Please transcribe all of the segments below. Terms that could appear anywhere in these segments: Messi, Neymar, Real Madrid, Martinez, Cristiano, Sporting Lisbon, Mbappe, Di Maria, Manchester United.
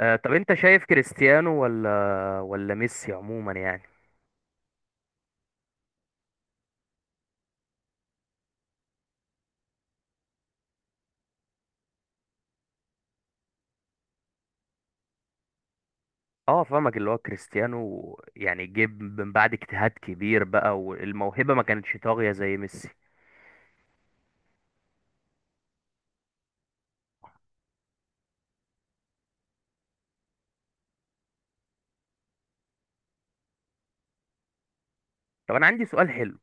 طب انت شايف كريستيانو ولا ميسي عموما يعني؟ اه، فاهمك، اللي هو كريستيانو يعني جيب من بعد اجتهاد كبير بقى، والموهبة ما كانتش طاغية زي ميسي. طب انا عندي سؤال حلو.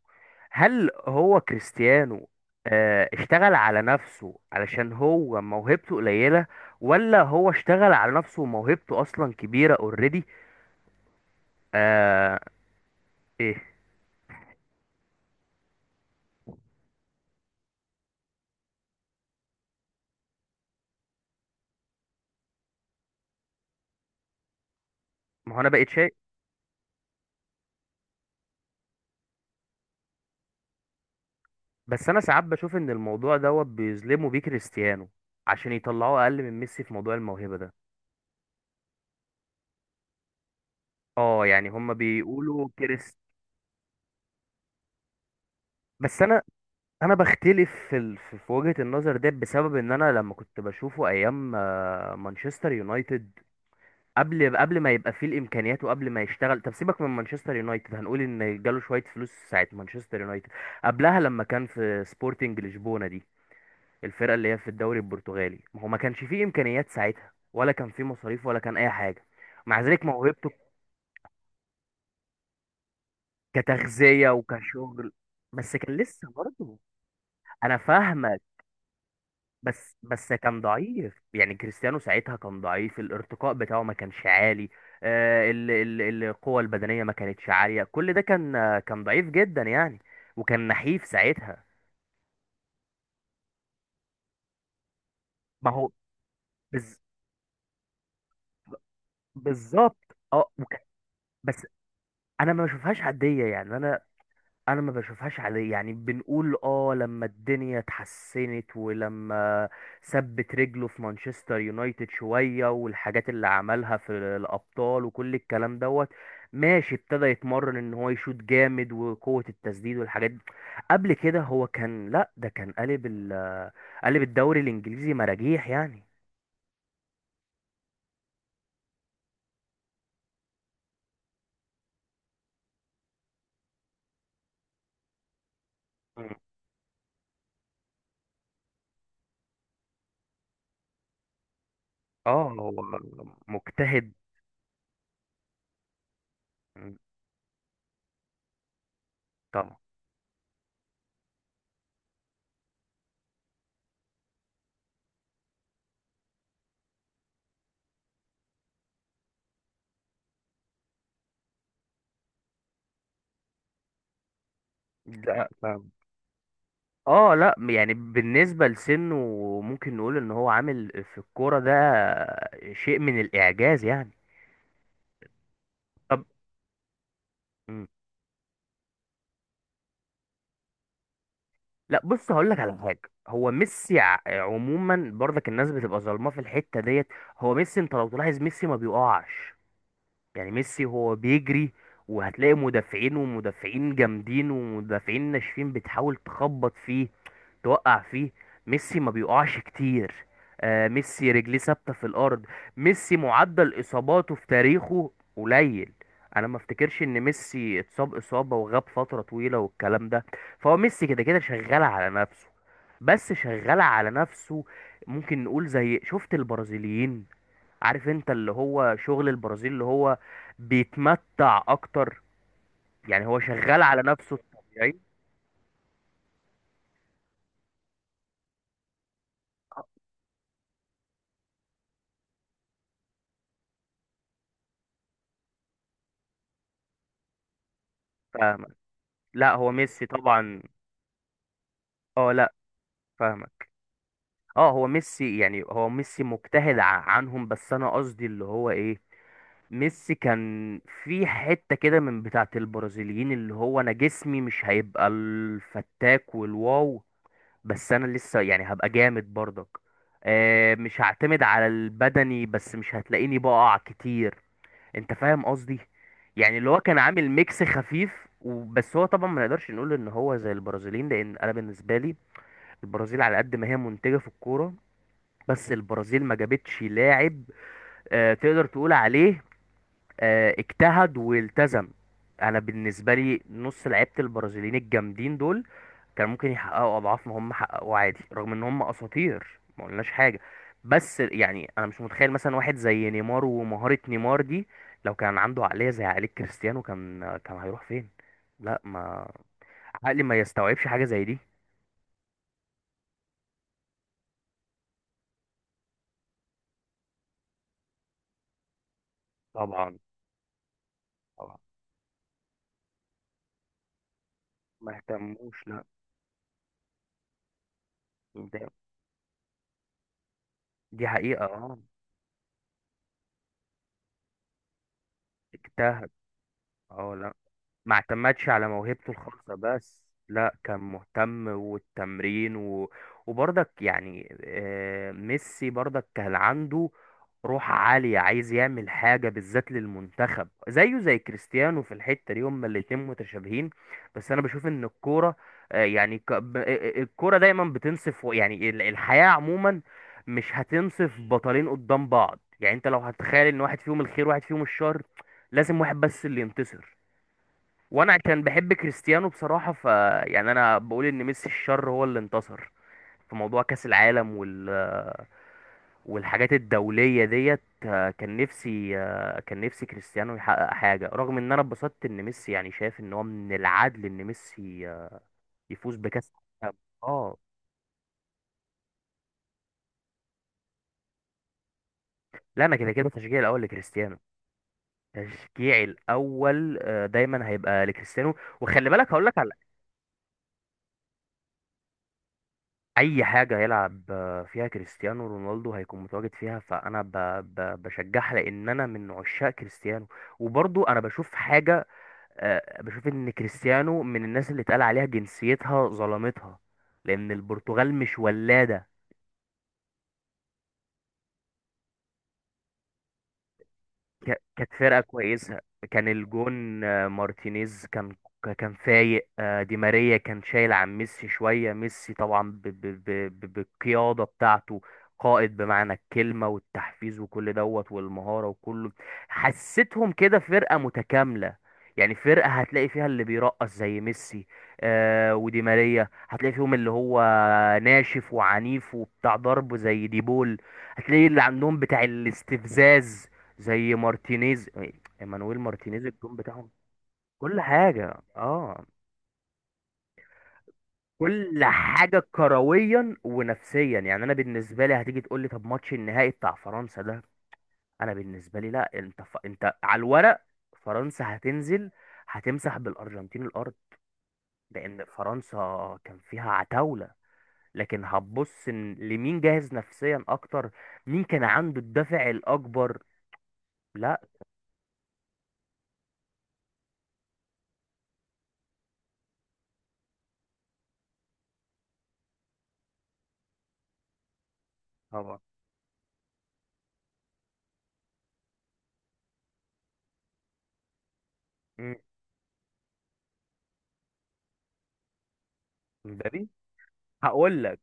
هل هو كريستيانو اشتغل على نفسه علشان هو موهبته قليلة، ولا هو اشتغل على نفسه وموهبته اصلا كبيرة اوريدي؟ آه. ايه. ما هو انا بقيت شايف. بس انا ساعات بشوف ان الموضوع دوت بيظلموا بيه كريستيانو، عشان يطلعوه اقل من ميسي في موضوع الموهبه ده. اه، يعني هما بيقولوا كريست. بس انا بختلف في ال... في في وجهه النظر ده، بسبب ان انا لما كنت بشوفه ايام مانشستر يونايتد، قبل ما يبقى فيه الامكانيات وقبل ما يشتغل. طب سيبك من مانشستر يونايتد، هنقول ان جاله شويه فلوس ساعه مانشستر يونايتد، قبلها لما كان في سبورتنج لشبونه دي، الفرقه اللي هي في الدوري البرتغالي، ما هو ما كانش فيه امكانيات ساعتها، ولا كان فيه مصاريف ولا كان اي حاجه. مع ذلك موهبته. كتغذيه وكشغل، بس كان لسه برضه. انا فاهمك. بس كان ضعيف، يعني كريستيانو ساعتها كان ضعيف، الارتقاء بتاعه ما كانش عالي، القوه البدنيه ما كانتش عاليه، كل ده كان، كان ضعيف جدا يعني، وكان نحيف ساعتها. ما هو. بز... بالظبط اه بس انا ما بشوفهاش عاديه، يعني انا ما بشوفهاش عليه. يعني بنقول اه، لما الدنيا اتحسنت ولما ثبت رجله في مانشستر يونايتد شوية، والحاجات اللي عملها في الابطال وكل الكلام دوت، ماشي، ابتدى يتمرن ان هو يشوط جامد، وقوة التسديد والحاجات دي. قبل كده هو كان لا، ده كان قالب الدوري الانجليزي مراجيح يعني. مم. اه. هو مجتهد. مم. طبعا. ده اه لا، يعني بالنسبة لسنه، ممكن نقول ان هو عامل في الكورة ده شيء من الاعجاز يعني. طب. مم. لا بص، هقول لك على حاجة. هو ميسي، عموما، برضك الناس بتبقى ظالماه في الحتة ديت. هو ميسي، انت لو تلاحظ ميسي ما بيقعش، يعني ميسي هو بيجري، وهتلاقي مدافعين ومدافعين جامدين ومدافعين ناشفين بتحاول تخبط فيه، توقع فيه، ميسي ما بيقعش كتير. آه، ميسي رجليه ثابته في الارض، ميسي معدل اصاباته في تاريخه قليل. انا ما افتكرش ان ميسي اتصاب اصابه وغاب فتره طويله والكلام ده. فهو ميسي كده كده شغال على نفسه. بس شغال على نفسه، ممكن نقول زي شفت البرازيليين، عارف انت اللي هو شغل البرازيل، اللي هو بيتمتع اكتر. يعني هو شغال على نفسه الطبيعي. فاهمك. لا هو ميسي طبعا. اه لا، فاهمك. اه، هو ميسي، يعني هو ميسي مجتهد عنهم. بس انا قصدي اللي هو ايه، ميسي كان في حتة كده من بتاعة البرازيليين، اللي هو انا جسمي مش هيبقى الفتاك والواو، بس انا لسه يعني هبقى جامد برضك. آه، مش هعتمد على البدني بس، مش هتلاقيني بقع كتير. انت فاهم قصدي؟ يعني اللي هو كان عامل ميكس خفيف وبس. هو طبعا ما نقدرش نقول ان هو زي البرازيليين، لان انا بالنسبة لي البرازيل على قد ما هي منتجة في الكورة، بس البرازيل ما جابتش لاعب تقدر تقول عليه اجتهد والتزم. انا بالنسبه لي نص لعيبه البرازيليين الجامدين دول كان ممكن يحققوا اضعاف ما هم حققوا عادي، رغم ان هم اساطير ما قلناش حاجه. بس يعني انا مش متخيل مثلا واحد زي نيمار ومهاره نيمار دي لو كان عنده عقليه زي عقليه كريستيانو، كان هيروح فين. لا ما عقلي ما يستوعبش حاجه زي دي. طبعا. طبعا، ما اهتموش، لا. ده- دي حقيقه اه. اجتهد. اه لا، ما اعتمدش على موهبته الخاصة بس، لا كان مهتم، والتمرين وبرضك يعني ميسي برضك كان عنده روح عالية، عايز يعمل حاجة بالذات للمنتخب، زيه زي كريستيانو، في الحتة دي هما الاتنين متشابهين. بس أنا بشوف إن الكورة آه، يعني ك- ب- آه، آه، الكورة دايما بتنصف، يعني الحياة عموما مش هتنصف بطلين قدام بعض. يعني أنت لو هتتخيل إن واحد فيهم الخير واحد فيهم الشر، لازم واحد بس اللي ينتصر. وانا كان بحب كريستيانو بصراحة، يعني انا بقول ان ميسي الشر هو اللي انتصر في موضوع كأس العالم والحاجات الدولية ديت. كان نفسي، كريستيانو يحقق حاجة، رغم ان انا اتبسطت ان ميسي، يعني شايف ان هو من العدل ان ميسي يفوز بكأس العالم. اه لا، انا كده كده تشجيعي الاول لكريستيانو. تشجيعي الاول دايما هيبقى لكريستيانو. وخلي بالك، هقول لك، اي حاجه يلعب فيها كريستيانو رونالدو هيكون متواجد فيها، فانا بشجعها، لان انا من عشاق كريستيانو. وبرضو انا بشوف حاجه، بشوف ان كريستيانو من الناس اللي اتقال عليها جنسيتها ظلمتها، لان البرتغال مش ولاده. كانت فرقة كويسة، كان الجون مارتينيز كان فايق، دي ماريا كان شايل عن ميسي شوية، ميسي طبعا بالقيادة بتاعته، قائد بمعنى الكلمة، والتحفيز وكل دوت والمهارة وكله. حسيتهم كده فرقة متكاملة، يعني فرقة هتلاقي فيها اللي بيرقص زي ميسي آه ودي ماريا، هتلاقي فيهم اللي هو ناشف وعنيف وبتاع ضرب زي ديبول، هتلاقي اللي عندهم بتاع الاستفزاز زي مارتينيز، ايمانويل مارتينيز الجون بتاعهم. كل حاجة اه، كل حاجة كرويا ونفسيا. يعني انا بالنسبة لي هتيجي تقول لي طب ماتش النهائي بتاع فرنسا ده؟ انا بالنسبة لي لا. انت انت على الورق فرنسا هتنزل هتمسح بالارجنتين الارض، لان فرنسا كان فيها عتاولة. لكن هتبص إن لمين جاهز نفسيا اكتر، مين كان عنده الدافع الاكبر. لا. طبعا. مم. مبابي. هقول لك.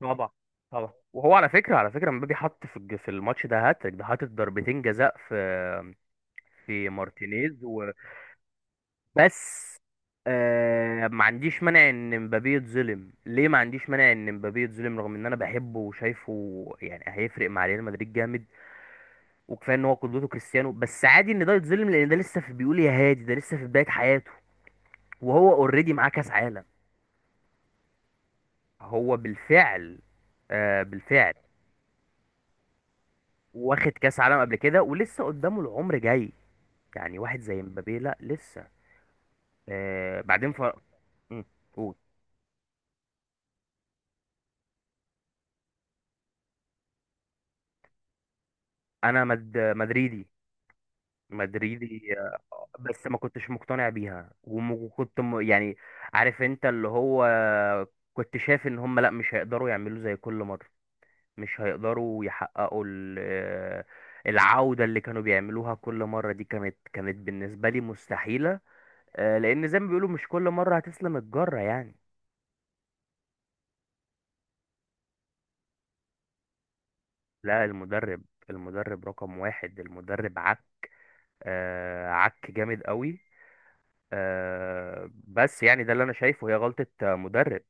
طبعا، طبعا. وهو على فكره، على فكره، مبابي حط في الماتش ده هاتريك، ده حاطط ضربتين جزاء في مارتينيز وبس. ما عنديش مانع ان مبابي يتظلم، ليه؟ ما عنديش مانع ان مبابي يتظلم، رغم ان انا بحبه وشايفه يعني هيفرق مع ريال مدريد جامد، وكفايه ان هو قدوته كريستيانو. بس عادي ان ده يتظلم، لان ده لسه في، بيقول يا هادي، ده لسه في بدايه حياته، وهو اوريدي معاه كاس عالم. هو بالفعل. بالفعل، واخد كاس عالم قبل كده ولسه قدامه العمر جاي. يعني واحد زي مبابي، لا لسه. بعدين مم، قول. انا مدريدي. مدريدي بس ما كنتش مقتنع بيها، وكنت يعني عارف انت اللي هو، كنت شايف ان هم لا، مش هيقدروا يعملوا زي كل مرة، مش هيقدروا يحققوا ال... آه، العودة اللي كانوا بيعملوها كل مرة دي. كانت بالنسبة لي مستحيلة، لان زي ما بيقولوا مش كل مرة هتسلم الجرة يعني. لا المدرب رقم واحد. المدرب عك، عك جامد قوي، بس يعني ده اللي انا شايفه هي غلطة مدرب